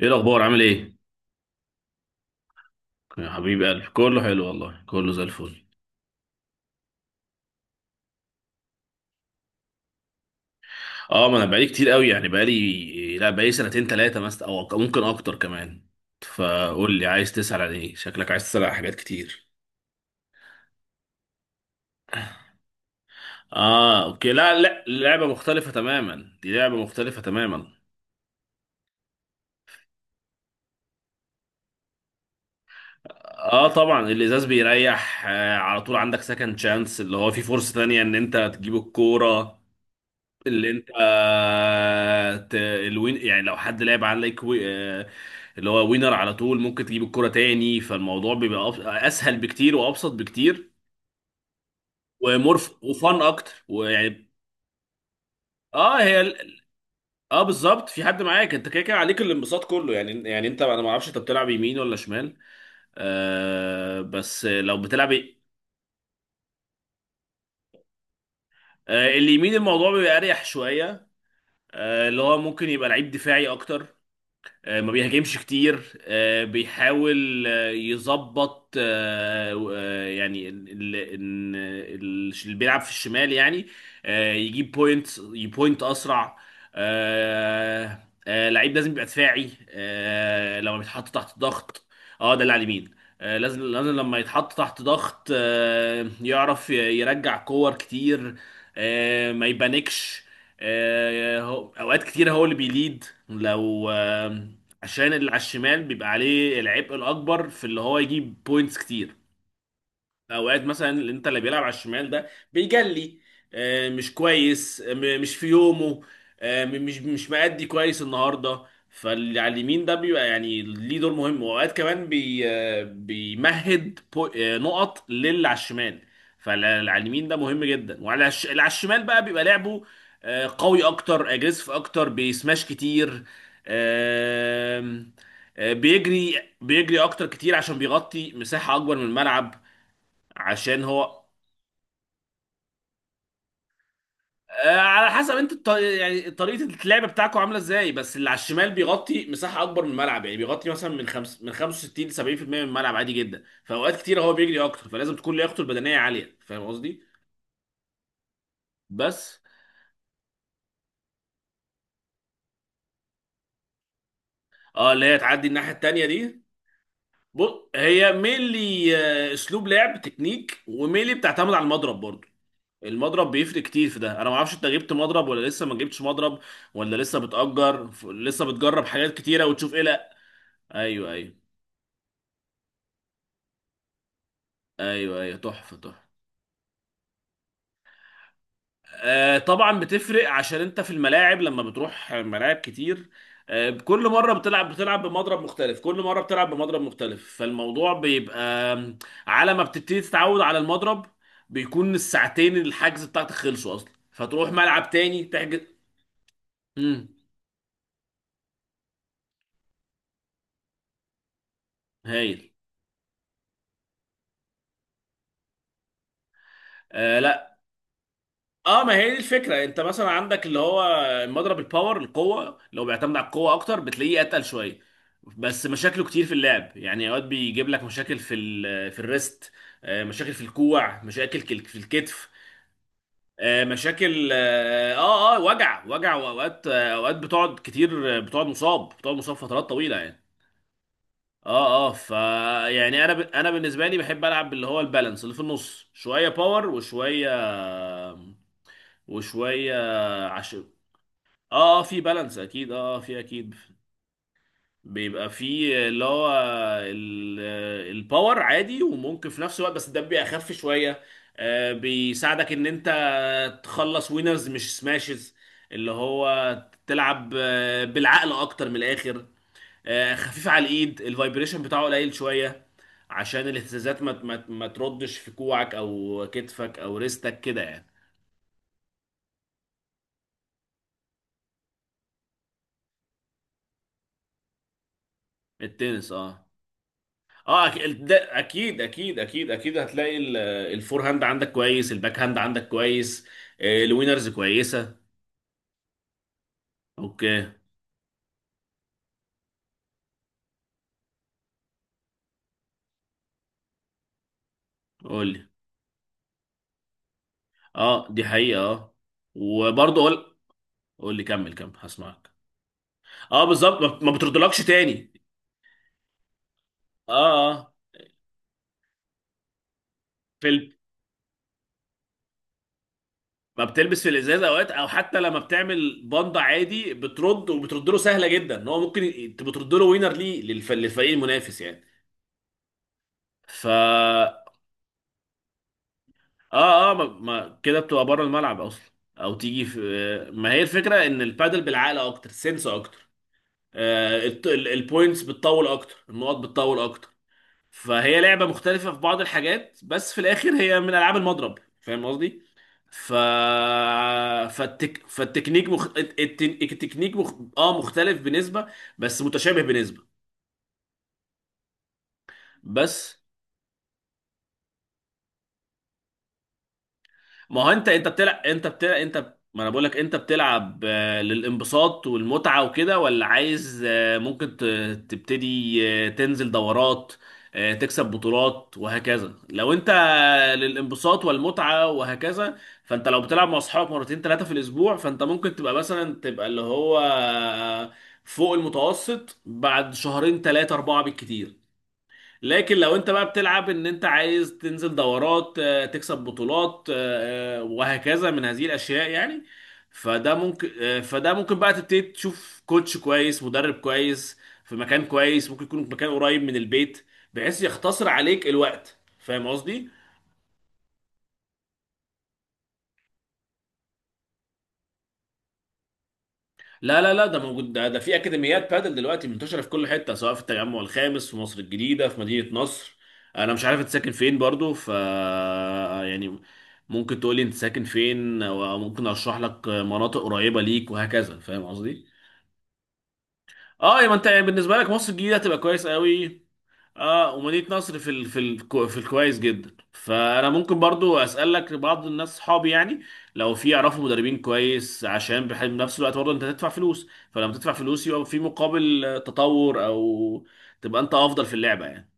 ايه الاخبار عامل ايه؟ يا حبيب قلبي كله حلو والله، كله زي الفل. اه ما انا بقالي كتير قوي، يعني بقالي لا بقالي سنتين ثلاثه مثلا او ممكن اكتر كمان. فقول لي عايز تسأل عن ايه، شكلك عايز تسأل عن حاجات كتير. اه اوكي، لا لا، لعبه مختلفه تماما، دي لعبه مختلفه تماما. اه طبعا الازاز بيريح. على طول عندك سكند شانس، اللي هو في فرصه تانية ان انت تجيب الكوره اللي انت الوين، يعني لو حد لعب عليك آه، اللي هو وينر، على طول ممكن تجيب الكرة تاني، فالموضوع بيبقى اسهل بكتير وابسط بكتير ومرف وفن اكتر ويعني. اه هي ال- اه بالظبط في حد معاك انت، كده كده عليك الانبساط كله. يعني يعني انت انا ما اعرفش انت بتلعب يمين ولا شمال؟ آه بس لو بتلعب آه اليمين، الموضوع بيبقى اريح شوية. آه اللي هو ممكن يبقى لعيب دفاعي اكتر، ما بيهاجمش كتير، بيحاول يظبط اللي بيلعب في الشمال يعني يجيب بوينت يبوينت اسرع. آه، لعيب لازم يبقى دفاعي لما بيتحط تحت ضغط. اه ده اللي على اليمين. لازم لما يتحط تحت ضغط يعرف يرجع كور كتير، ما يبانكش، اوقات كتير هو اللي بيليد لو عشان اللي على الشمال بيبقى عليه العبء الاكبر في اللي هو يجيب بوينتس كتير. اوقات مثلا اللي انت اللي بيلعب على الشمال ده بيجلي مش كويس، مش في يومه، مش مأدي كويس النهارده، فاللي على اليمين ده بيبقى يعني ليه دور مهم، واوقات كمان بي آه، بيمهد نقط للي على الشمال. فاللي على اليمين ده مهم جدا. اللي على الشمال بقى بيبقى لعبه قوي اكتر، اجريسيف اكتر، بيسماش كتير. آم، آه، بيجري اكتر كتير عشان بيغطي مساحة اكبر من الملعب، عشان هو على حسب انت يعني طريقه اللعب بتاعكم عامله ازاي، بس اللي على الشمال بيغطي مساحه اكبر من الملعب، يعني بيغطي مثلا من 65 ل 70% من الملعب عادي جدا، فاوقات كتير هو بيجري اكتر، فلازم تكون لياقته البدنيه عاليه، فاهم قصدي؟ بس اه اللي هي تعدي الناحيه التانيه دي. بص هي ميلي، اسلوب لعب، تكنيك، وميلي بتعتمد على المضرب برضو. المضرب بيفرق كتير في ده. انا ما اعرفش انت جبت مضرب ولا لسه ما جبتش مضرب، ولا لسه بتأجر لسه بتجرب حاجات كتيره وتشوف ايه؟ لا، ايوه ايوه، ايوه ايوه، تحفه تحفه. آه طبعا بتفرق، عشان انت في الملاعب لما بتروح ملاعب كتير، آه كل مره بتلعب، بمضرب مختلف، كل مره بتلعب بمضرب مختلف، فالموضوع بيبقى آم، على ما بتبتدي تتعود على المضرب، بيكون الساعتين الحجز بتاعتك خلصوا اصلا، فتروح ملعب تاني تحجز. امم، هايل. آه لا. اه ما هي دي الفكره. انت مثلا عندك اللي هو مضرب الباور، القوه، لو بيعتمد على القوه اكتر بتلاقيه اتقل شويه، بس مشاكله كتير في اللعب، يعني اوقات بيجيب لك مشاكل في الريست، مشاكل في الكوع، في الكتف، مشاكل، اه اه، وجع وجع، واوقات اوقات بتقعد كتير، بتقعد مصاب فترات طويله يعني. اه اه ف. انا بالنسبه لي بحب العب اللي هو البالانس، اللي في النص، شويه باور وشويه وشويه عش... اه. في بالانس اكيد، اه في اكيد. بيبقى في اللي هو ال- الباور عادي وممكن في نفس الوقت، بس ده بيبقى اخف شويه. آه بيساعدك ان انت تخلص وينرز مش سماشز، اللي هو تلعب بالعقل اكتر من الاخر. آه خفيف على الايد، الفايبريشن بتاعه قليل شويه، عشان الاهتزازات ما تردش في كوعك او كتفك او ريستك كده يعني. التنس اه. اه أك- ده اكيد اكيد، اكيد اكيد، هتلاقي الفور هاند عندك كويس، الباك هاند عندك كويس، الوينرز كويسه. اوكي. قول لي. اه دي حقيقه اه. وبرضه قول. قول لي كمل، كمل هسمعك. اه بالظبط، ما ما بتردلكش تاني. اه اه في ال... ما بتلبس في الازازه، اوقات او حتى لما بتعمل باندا عادي بترد، وبترد له سهله جدا، ان هو ممكن بترد له وينر ليه للفريق المنافس يعني. ف. اه اه ما ما كده بتبقى بره الملعب اصلا، او تيجي في. ما هي الفكره ان البادل بالعقل اكتر، سنس اكتر، البوينتس بتطول اكتر، النقط بتطول اكتر، فهي لعبه مختلفه في بعض الحاجات، بس في الاخر هي من العاب المضرب، فاهم قصدي؟ ف. فالتك... فالتكنيك مخ... الت- التكنيك مخ... اه مختلف بنسبه، بس متشابه بنسبه. بس. ما هو انت، انت بتلعب انت بتلعب انت ما انا بقول لك انت بتلعب للانبساط والمتعة وكده، ولا عايز ممكن تبتدي تنزل دورات، تكسب بطولات، وهكذا؟ لو انت للانبساط والمتعة وهكذا، فانت لو بتلعب مع اصحابك مرتين ثلاثة في الاسبوع، فانت ممكن تبقى مثلا تبقى اللي هو فوق المتوسط بعد شهرين ثلاثة أربعة بالكتير. لكن لو انت بقى بتلعب ان انت عايز تنزل دورات، تكسب بطولات، وهكذا من هذه الاشياء يعني، فده ممكن بقى تبتدي تشوف كوتش كويس، مدرب كويس، في مكان كويس، ممكن يكون مكان قريب من البيت، بحيث يختصر عليك الوقت، فاهم قصدي؟ لا لا لا، ده موجود، ده, ده في اكاديميات بادل دلوقتي منتشره في كل حته، سواء في التجمع الخامس، في مصر الجديده، في مدينه نصر. انا مش عارف انت ساكن فين برضو، ف يعني ممكن تقولي انت ساكن فين وممكن اشرح لك مناطق قريبه ليك وهكذا، فاهم قصدي؟ اه يبقى انت يعني بالنسبه لك مصر الجديده هتبقى كويس قوي. اه ومدينة نصر في الكويس جدا، فانا ممكن برضو اسالك بعض الناس صحابي يعني، لو في يعرفوا مدربين كويس، عشان بحيث بنفس الوقت برضه انت تدفع فلوس، فلما تدفع فلوس يبقى في مقابل تطور، او تبقى انت افضل في اللعبة يعني.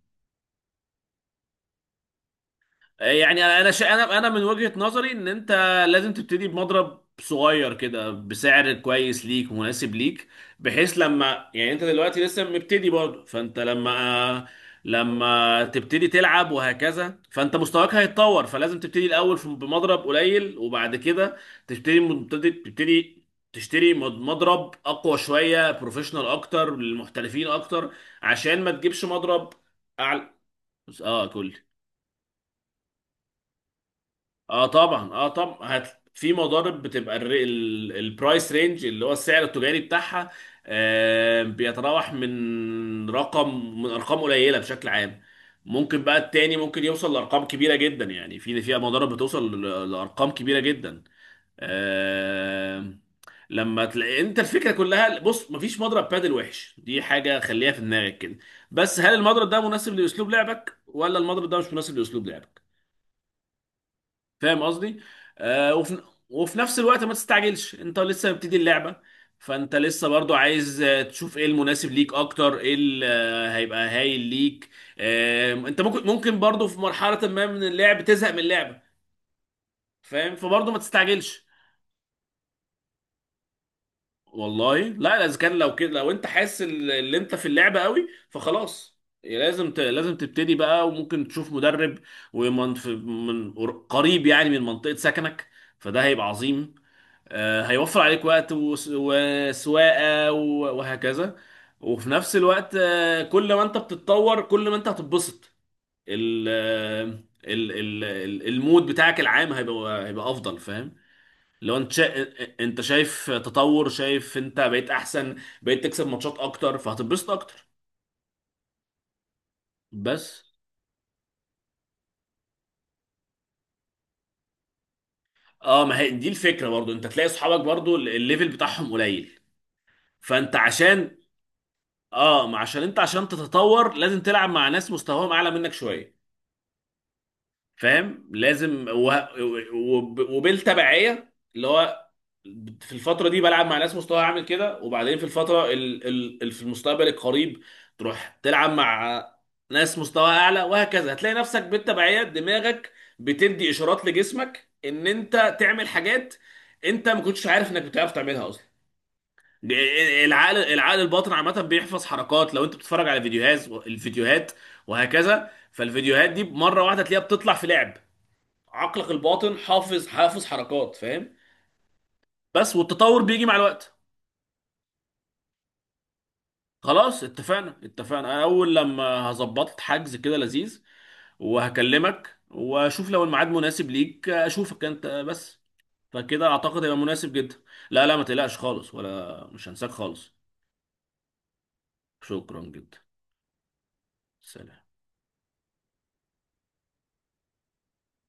يعني انا انا شا... انا انا من وجهة نظري ان انت لازم تبتدي بمضرب صغير كده بسعر كويس ليك ومناسب ليك، بحيث لما يعني انت دلوقتي لسه مبتدي برضه، فانت لما تبتدي تلعب وهكذا، فانت مستواك هيتطور، فلازم تبتدي الاول بمضرب قليل، وبعد كده تبتدي تشتري مضرب اقوى شوية، بروفيشنال اكتر، للمحترفين اكتر، عشان ما تجيبش مضرب اعلى. اه كل. اه طبعا في مضارب بتبقى البرايس رينج، اللي هو السعر التجاري بتاعها، آه بيتراوح من رقم، من ارقام قليله بشكل عام، ممكن بقى التاني ممكن يوصل لارقام كبيره جدا، يعني في فيها مضارب بتوصل لارقام كبيره جدا. آه. لما تلاقي انت، الفكره كلها، بص مفيش مضرب بادل وحش، دي حاجه خليها في دماغك كده، بس هل المضرب ده مناسب لاسلوب لعبك ولا المضرب ده مش مناسب لاسلوب لعبك، فاهم قصدي؟ آه وفي وفي نفس الوقت ما تستعجلش، انت لسه بتبتدي اللعبه، فانت لسه برضو عايز تشوف ايه المناسب ليك اكتر، ايه اللي هيبقى هايل ليك. آه انت ممكن، ممكن برضو في مرحله ما من اللعب تزهق من اللعبه، فاهم؟ فبرضو ما تستعجلش. والله لا لا، اذا كان، لو كده، لو انت حاسس اللي انت في اللعبه قوي فخلاص، لازم تبتدي بقى، وممكن تشوف مدرب من قريب يعني من منطقه سكنك، فده هيبقى عظيم، هيوفر عليك وقت وسواقة وهكذا. وفي نفس الوقت كل ما انت بتتطور كل ما انت هتتبسط. ال المود بتاعك العام هيبقى، هيبقى افضل، فاهم؟ لو انت انت شايف تطور، شايف انت بقيت احسن، بقيت تكسب ماتشات اكتر، فهتتبسط اكتر. بس. اه ما هي دي الفكرة، برضو انت تلاقي اصحابك برضو الليفل بتاعهم قليل، فانت عشان. اه ما عشان انت عشان تتطور لازم تلعب مع ناس مستواهم اعلى منك شويه، فاهم؟ لازم و. وبالتبعيه اللي هو في الفتره دي بلعب مع ناس مستواها عامل كده، وبعدين في الفتره في المستقبل القريب تروح تلعب مع ناس مستواها اعلى، وهكذا. هتلاقي نفسك بالتبعيه دماغك بتدي اشارات لجسمك ان انت تعمل حاجات انت ما كنتش عارف انك بتعرف تعملها اصلا. العقل الباطن عامة بيحفظ حركات، لو انت بتتفرج على فيديوهات، وهكذا، فالفيديوهات دي مرة واحدة تلاقيها بتطلع في لعب، عقلك الباطن حافظ، حركات، فاهم؟ بس. والتطور بيجي مع الوقت. خلاص اتفقنا، اتفقنا، انا اول لما هظبط حجز كده لذيذ وهكلمك، واشوف لو الميعاد مناسب ليك اشوفك انت بس، فكده اعتقد هيبقى مناسب جدا. لا لا ما تقلقش خالص، ولا مش هنساك خالص. شكرا جدا. سلام.